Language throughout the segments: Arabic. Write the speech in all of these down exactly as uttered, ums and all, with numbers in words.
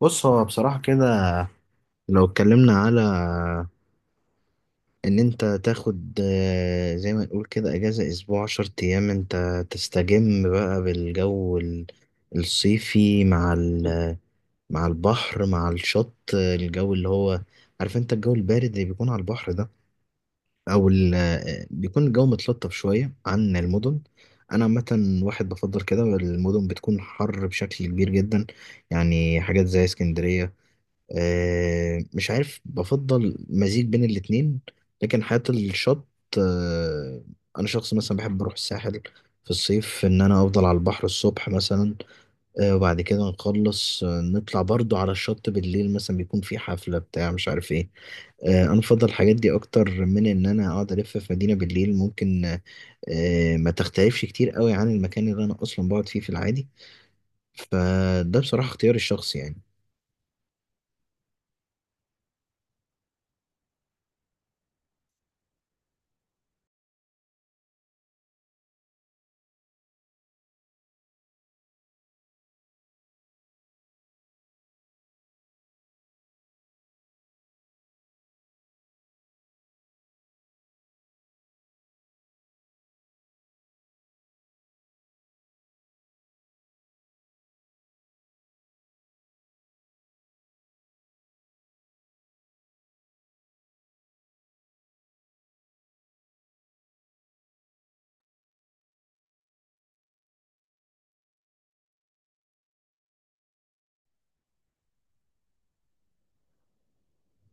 بص، هو بصراحة كده، لو اتكلمنا على إن أنت تاخد، آه، زي ما نقول كده، أجازة أسبوع عشر أيام، أنت تستجم بقى بالجو ال- الصيفي مع ال- مع البحر، مع الشط، الجو اللي هو، عارف أنت الجو البارد اللي بيكون على البحر ده، أو ال- آه، بيكون الجو متلطف شوية عن المدن. أنا عامة واحد بفضل كده المدن بتكون حر بشكل كبير جدا. يعني حاجات زي اسكندرية، آه، مش عارف، بفضل مزيج بين الاتنين. لكن حياة الشط، آه، أنا شخص مثلا بحب أروح الساحل في الصيف، إن أنا أفضل على البحر الصبح مثلا، آه، وبعد كده نخلص، آه، نطلع برضو على الشط بالليل، مثلا بيكون في حفلة بتاع مش عارف إيه. آه، أنا بفضل الحاجات دي أكتر من إن أنا أقعد ألف في مدينة بالليل، ممكن آه، آه، ما تختلفش كتير قوي عن المكان اللي أنا أصلا بقعد فيه في العادي. فده بصراحة اختياري الشخصي يعني.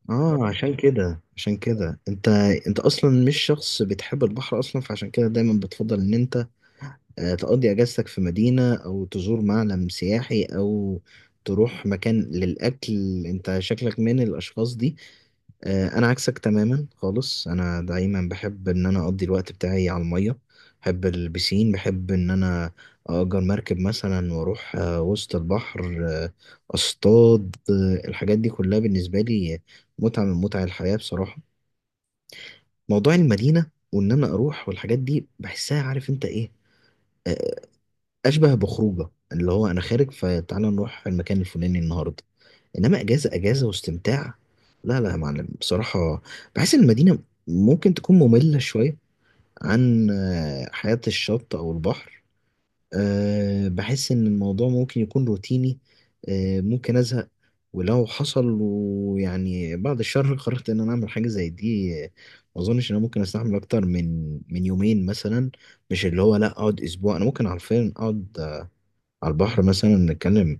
اه، عشان كده، عشان كده انت انت اصلا مش شخص بتحب البحر اصلا، فعشان كده دايما بتفضل ان انت آه، تقضي اجازتك في مدينة، او تزور معلم سياحي، او تروح مكان للاكل. انت شكلك من الاشخاص دي. آه، انا عكسك تماما خالص، انا دايما بحب ان انا اقضي الوقت بتاعي على الميه. بحب البسين، بحب ان انا اجر مركب مثلا واروح آه، وسط البحر، آه، اصطاد، آه، الحاجات دي كلها بالنسبه لي متعه من متع الحياه بصراحه. موضوع المدينه وان انا اروح والحاجات دي بحسها، عارف انت ايه، آه، اشبه بخروجه، اللي هو انا خارج فتعالى نروح المكان الفلاني النهارده. انما اجازه اجازه واستمتاع، لا لا يا معلم بصراحه. بحس ان المدينه ممكن تكون ممله شويه عن آه، حياه الشط او البحر. آه، بحس ان الموضوع ممكن يكون روتيني، آه، ممكن ازهق. ولو حصل ويعني بعد الشر قررت ان انا اعمل حاجه زي دي، آه، ما اظنش ان انا ممكن استحمل اكتر من من يومين مثلا. مش اللي هو لا اقعد اسبوع، انا ممكن عارفين اقعد على البحر مثلا، نتكلم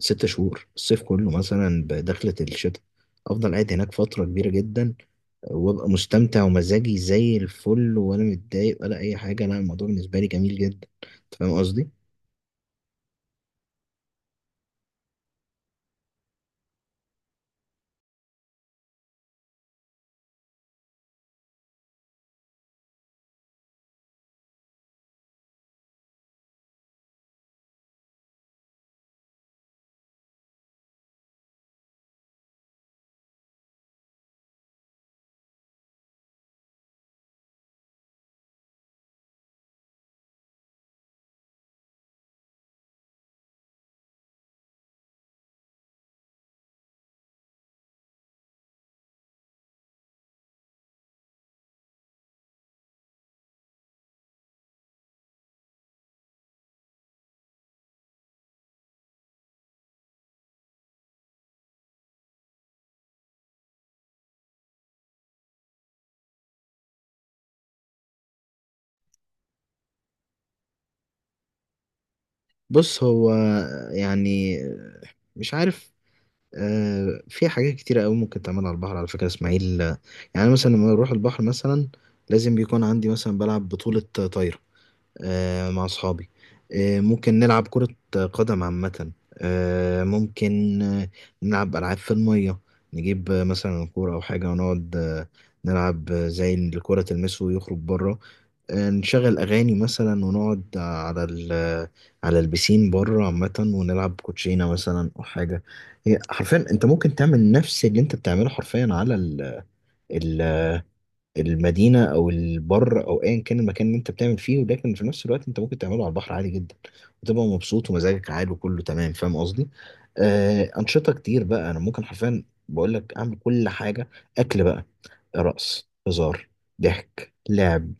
ست شهور، الصيف كله مثلا بدخلة الشتاء، أفضل قاعد هناك فترة كبيرة جدا. وأبقى مستمتع ومزاجي زي الفل، ولا متضايق ولا أي حاجة، لا الموضوع بالنسبة لي جميل جدا. أنت فاهم قصدي؟ بص هو، يعني مش عارف، آه، في حاجات كتيرة أوي ممكن تعمل على البحر، على فكرة يا إسماعيل. آه، يعني مثلا لما أروح البحر مثلا، لازم بيكون عندي مثلا بلعب بطولة طايرة آه، مع أصحابي. آه، ممكن نلعب كرة قدم عامة، آه، ممكن آه، نلعب ألعاب في المية. نجيب آه، مثلا كورة أو حاجة، ونقعد آه، نلعب آه، زي اللي الكرة تلمسه ويخرج بره. آه، نشغل أغاني مثلا، ونقعد على ال على البسين بره عامة، ونلعب كوتشينة مثلا أو حاجة. هي حرفيا أنت ممكن تعمل نفس اللي أنت بتعمله حرفيا على ال المدينة أو البر أو أيا كان المكان اللي أنت بتعمل فيه، ولكن في نفس الوقت أنت ممكن تعمله على البحر عادي جدا، وتبقى مبسوط ومزاجك عالي وكله تمام. فاهم قصدي؟ آه، أنشطة كتير بقى، أنا ممكن حرفيا بقول لك أعمل كل حاجة. أكل بقى، رقص، هزار، ضحك، لعب،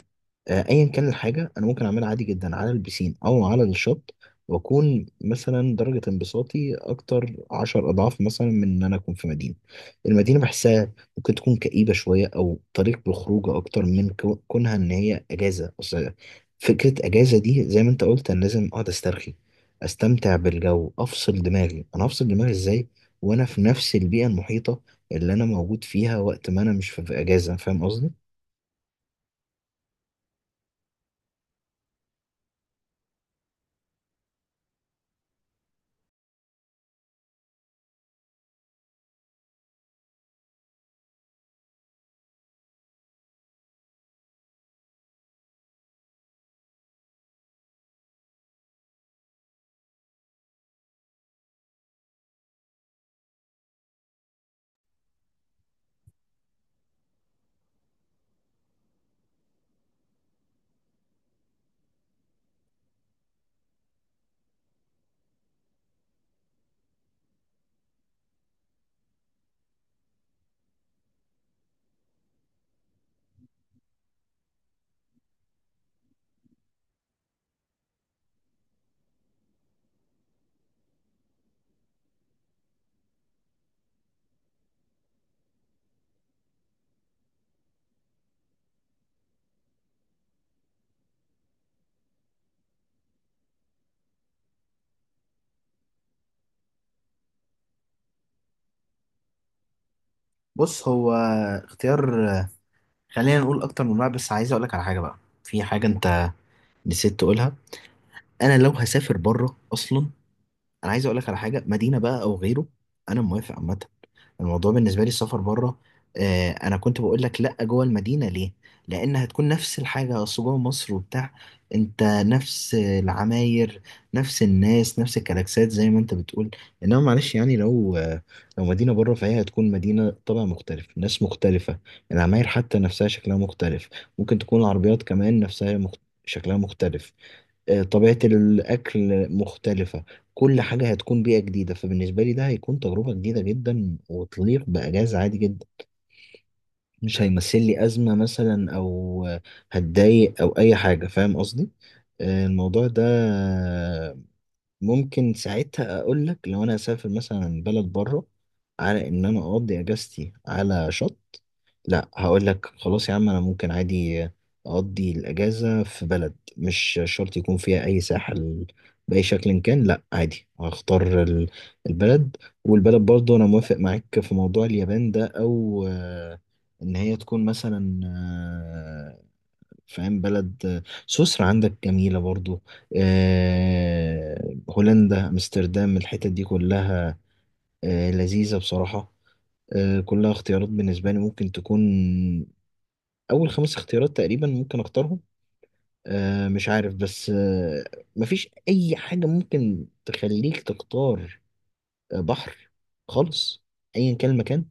آه، ايا كان الحاجه انا ممكن اعملها عادي جدا على البسين او على الشط، واكون مثلا درجه انبساطي اكتر عشر اضعاف مثلا من ان انا اكون في مدينه. المدينه بحسها ممكن تكون كئيبه شويه، او طريق بالخروج اكتر من كو- كونها ان هي اجازه. اصل فكره اجازه دي زي ما انت قلت، انا لازم اقعد استرخي، استمتع بالجو، افصل دماغي. انا هفصل دماغي ازاي وانا في نفس البيئه المحيطه اللي انا موجود فيها وقت ما انا مش في في اجازه؟ فاهم قصدي؟ بص، هو اختيار، خلينا نقول اكتر من واحد، بس عايز اقول لك على حاجه بقى. في حاجه انت نسيت تقولها. انا لو هسافر بره اصلا، انا عايز اقول لك على حاجه، مدينه بقى او غيره انا موافق عامه. الموضوع بالنسبه لي السفر بره، آه، انا كنت بقول لك لا جوه المدينه ليه، لان هتكون نفس الحاجه، اصل جوه مصر وبتاع، انت نفس العماير، نفس الناس، نفس الكلاكسات زي ما انت بتقول. انما معلش يعني، لو آه لو مدينه بره، فهي هتكون مدينه طبع مختلف، ناس مختلفه، العماير حتى نفسها شكلها مختلف، ممكن تكون العربيات كمان نفسها مخت... شكلها مختلف. آه، طبيعة الأكل مختلفة، كل حاجة هتكون بيئة جديدة. فبالنسبة لي ده هيكون تجربة جديدة جدا وتليق بأجازة عادي جدا، مش هيمثل لي أزمة مثلا أو آه، هتضايق أو أي حاجة. فاهم قصدي؟ آه، الموضوع ده ممكن ساعتها اقول لك لو انا هسافر مثلا بلد بره، على ان انا اقضي اجازتي على شط، لا هقول لك خلاص يا عم، انا ممكن عادي اقضي الاجازه في بلد مش شرط يكون فيها اي ساحل، باي شكل كان، لا عادي. هختار ال- البلد، والبلد برضه انا موافق معاك في موضوع اليابان ده، او آه، ان هي تكون مثلا، فاهم، بلد سويسرا عندك جميلة برضو، آه، هولندا، أمستردام، الحتت دي كلها آه، لذيذة بصراحة. آه، كلها اختيارات بالنسبة لي، ممكن تكون أول خمس اختيارات تقريبا ممكن أختارهم. آه، مش عارف بس، آه، مفيش أي حاجة ممكن تخليك تختار آه، بحر خالص أيا كان المكان؟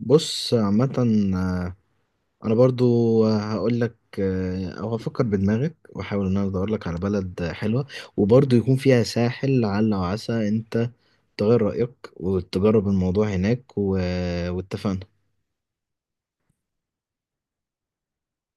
بص عامة، آه، انا برضو هقول لك، آه، او هفكر بدماغك واحاول ان انا ادور لك على بلد حلوه وبرضو يكون فيها ساحل، لعل وعسى انت تغير رايك وتجرب الموضوع هناك و... واتفقنا.